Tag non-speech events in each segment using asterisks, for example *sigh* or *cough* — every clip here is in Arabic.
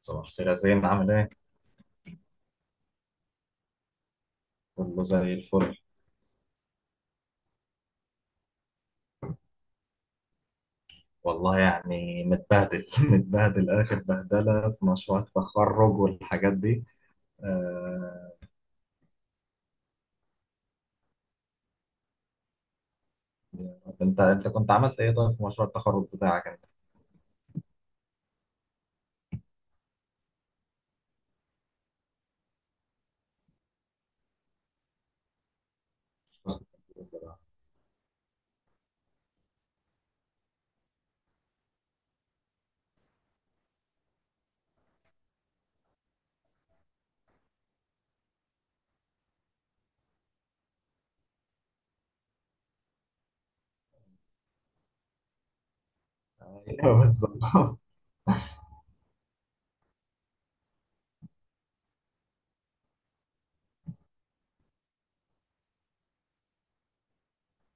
صباح الخير يا زين، عامل ايه؟ كله زي الفل. والله يعني متبهدل *laughs* متبهدل، اخر بهدله في مشروع التخرج والحاجات دي. آه... انت كنت عملت ايه طيب في مشروع التخرج بتاعك انت؟ ايوه بالظبط. *laughs*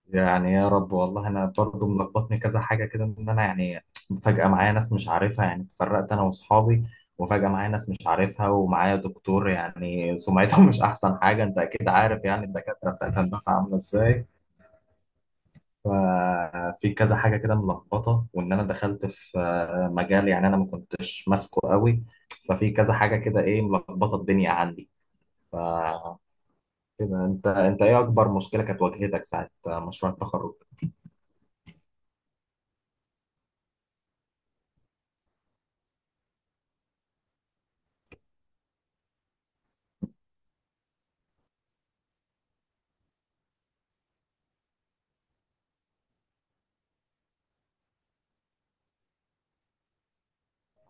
يعني يا رب، والله انا برضه ملخبطني كذا حاجه كده، ان انا يعني فجاه معايا ناس مش عارفها، يعني اتفرقت انا واصحابي، وفجاه معايا ناس مش عارفها ومعايا دكتور، يعني سمعته مش احسن حاجه، انت اكيد عارف يعني الدكاتره بتاعت الهندسه عامله ازاي. ففي كذا حاجة كده ملخبطة، وإن أنا دخلت في مجال يعني أنا ما كنتش ماسكه قوي. ففي كذا حاجة كده إيه ملخبطة الدنيا عندي. ف كده أنت إيه أكبر مشكلة كانت واجهتك ساعة مشروع التخرج؟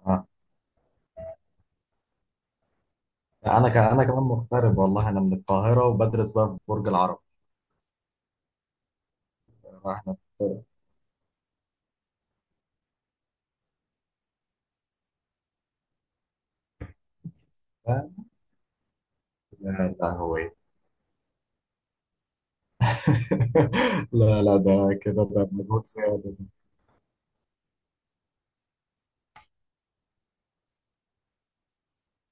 آه. أنا كمان مغترب، والله أنا من القاهرة وبدرس بقى في برج العرب. إحنا آه، لا لا هو إيه. *laughs* لا لا، ده كده ده مجهود زيادة.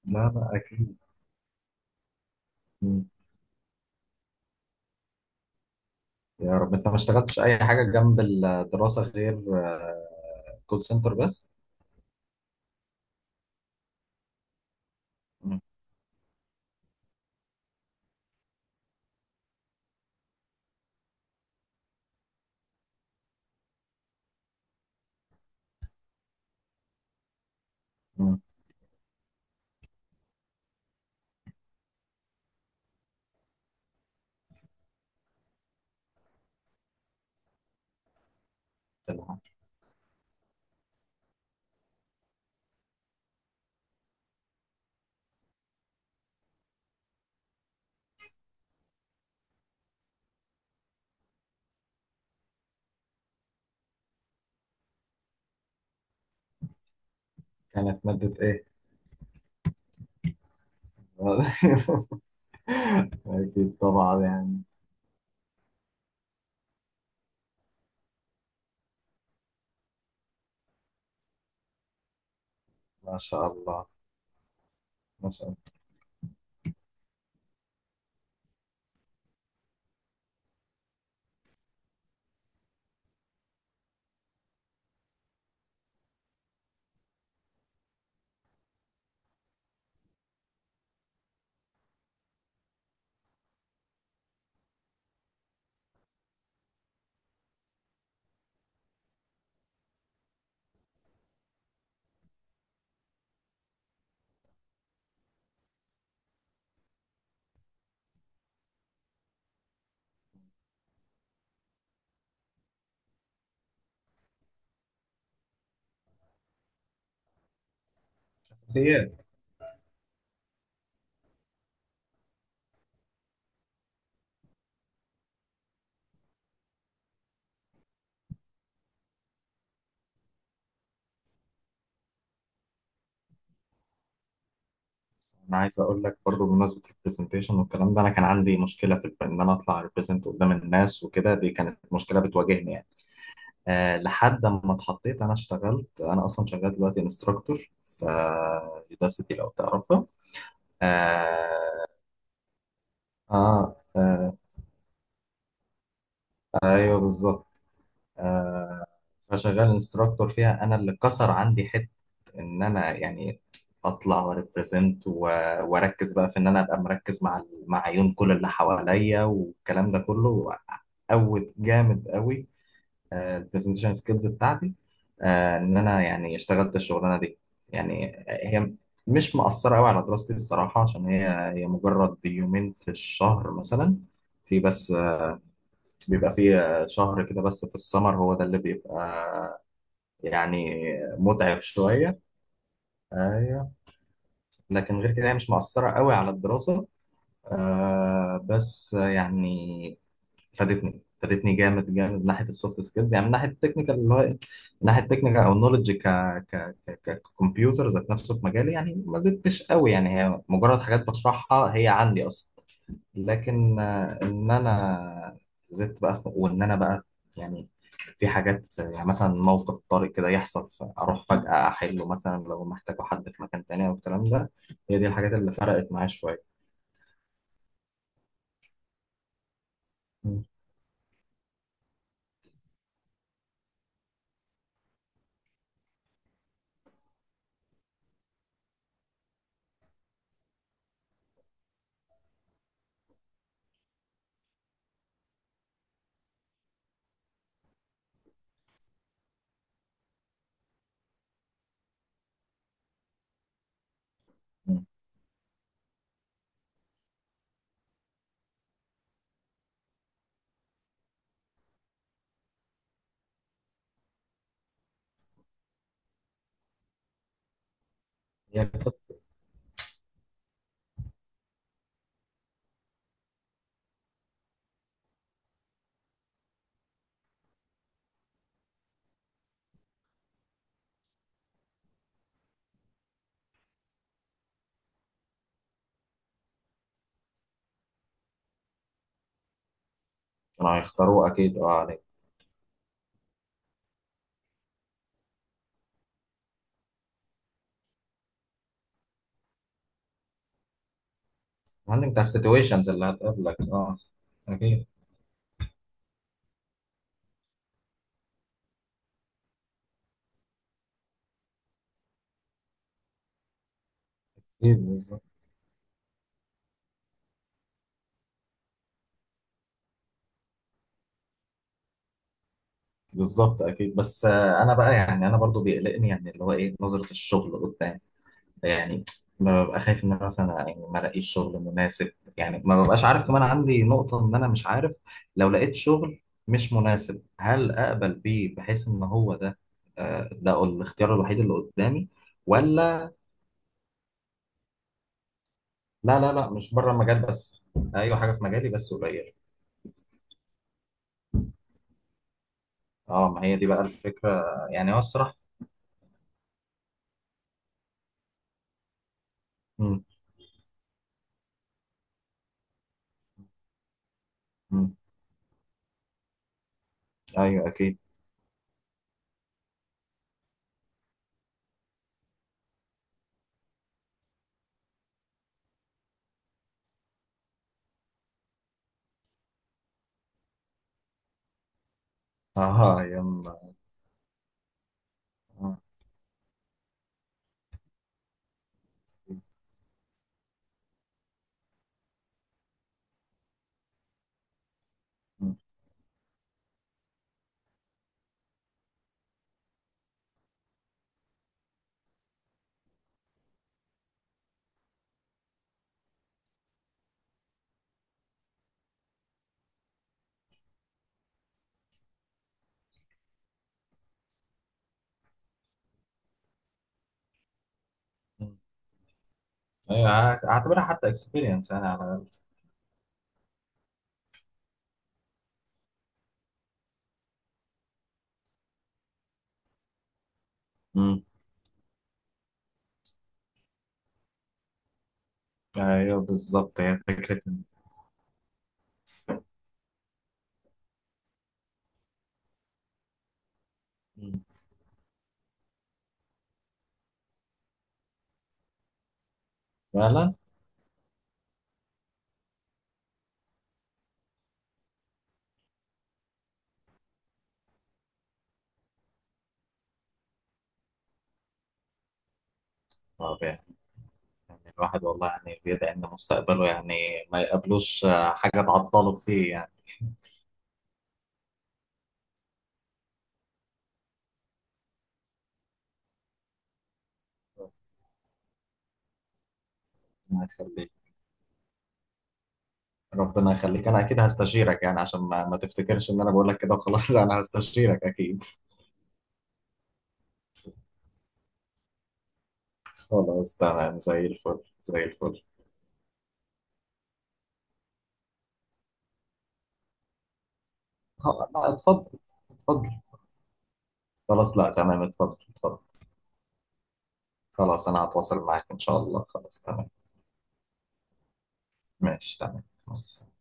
لا لا أكيد. يا رب، انت ما اشتغلتش اي حاجه جنب الدراسه غير كول سنتر بس؟ مم. مم. تمام. كانت ماده ايه؟ *laughs* اكيد طبعا يعني. ما شاء الله. ما شاء الله. اساسيات. انا عايز اقول لك برضو بمناسبه البرزنتيشن والكلام ده، انا كان عندي مشكله في ان انا اطلع ريبريزنت قدام الناس وكده، دي كانت مشكله بتواجهني يعني. أه، لحد ما اتحطيت، انا اشتغلت، انا اصلا شغال دلوقتي انستراكتور في يوداسيتي لو تعرفها. آه آه آه، ايوه بالظبط. آه فشغال انستراكتور فيها، انا اللي كسر عندي حته ان انا يعني اطلع وريبريزنت واركز بقى في ان انا ابقى مركز مع مع عيون كل اللي حواليا والكلام ده كله، قوت جامد قوي البرزنتيشن سكيلز بتاعتي. ان انا يعني اشتغلت الشغلانه دي، يعني هي مش مأثره قوي على دراستي الصراحه، عشان هي مجرد يومين في الشهر مثلا، في بس بيبقى فيه شهر كده بس في السمر هو ده اللي بيبقى يعني متعب شوية. ايوه، لكن غير كده هي مش مؤثرة قوي على الدراسة. آه بس يعني فادتني فادتني جامد جامد من ناحية السوفت سكيلز، يعني من ناحية التكنيكال اللي هو إيه؟ من ناحية التكنيكال او النولج ك ك ك ككمبيوتر ذات نفسه في مجالي، يعني ما زدتش قوي، يعني هي مجرد حاجات بشرحها هي عندي اصلا. لكن ان انا زدت بقى وان انا بقى يعني في حاجات، يعني مثلا موقف طارئ كده يحصل اروح فجأة احله، مثلا لو محتاجه حد في مكان تاني او الكلام ده. هي دي الحاجات اللي فرقت معايا شوية. مم. مم. هي القط- أنا هيختاروه اكيد اه عليك. عندك بتاع السيتويشنز اللي هتقابلك اه. أكيد. اكيد بالظبط. بالظبط اكيد، بس انا بقى يعني، انا برضو بيقلقني، يعني اللي هو ايه نظرة الشغل قدام يعني. ما ببقى خايف ان انا مثلا يعني ما الاقيش شغل مناسب. يعني ما ببقاش عارف، كمان عندي نقطة ان انا مش عارف لو لقيت شغل مش مناسب، هل اقبل بيه، بحيث ان هو ده ده الاختيار الوحيد اللي قدامي. ولا لا لا لا، مش بره المجال بس. ايوه، حاجة في مجالي بس قليل. اه، ما هي دي بقى الفكرة. يعني هو الصراحة. مم. مم. ايوه اكيد. اه يما. آه، مم، مم. ايوه، هعتبرها حتى اكسبيرينس يعني على الاقل. ايوه بالظبط، هي فكره إن. مم. فعلا. طب يعني، يعني الواحد والله يعني بيدعي ان مستقبله، يعني ما يقابلوش حاجه تعطله فيه يعني. ربنا يخليك، ربنا يخليك، انا اكيد هستشيرك، يعني عشان ما تفتكرش ان انا بقول لك كده وخلاص. *laughs* لا، انا هستشيرك اكيد. *laughs* خلاص تمام، زي الفل زي الفل. آه، لا اتفضل. اتفضل. خلاص لا، تمام، اتفضل اتفضل. خلاص، انا هتواصل معاك ان شاء الله، خلاص تمام. ماشي تمام، مع السلامة.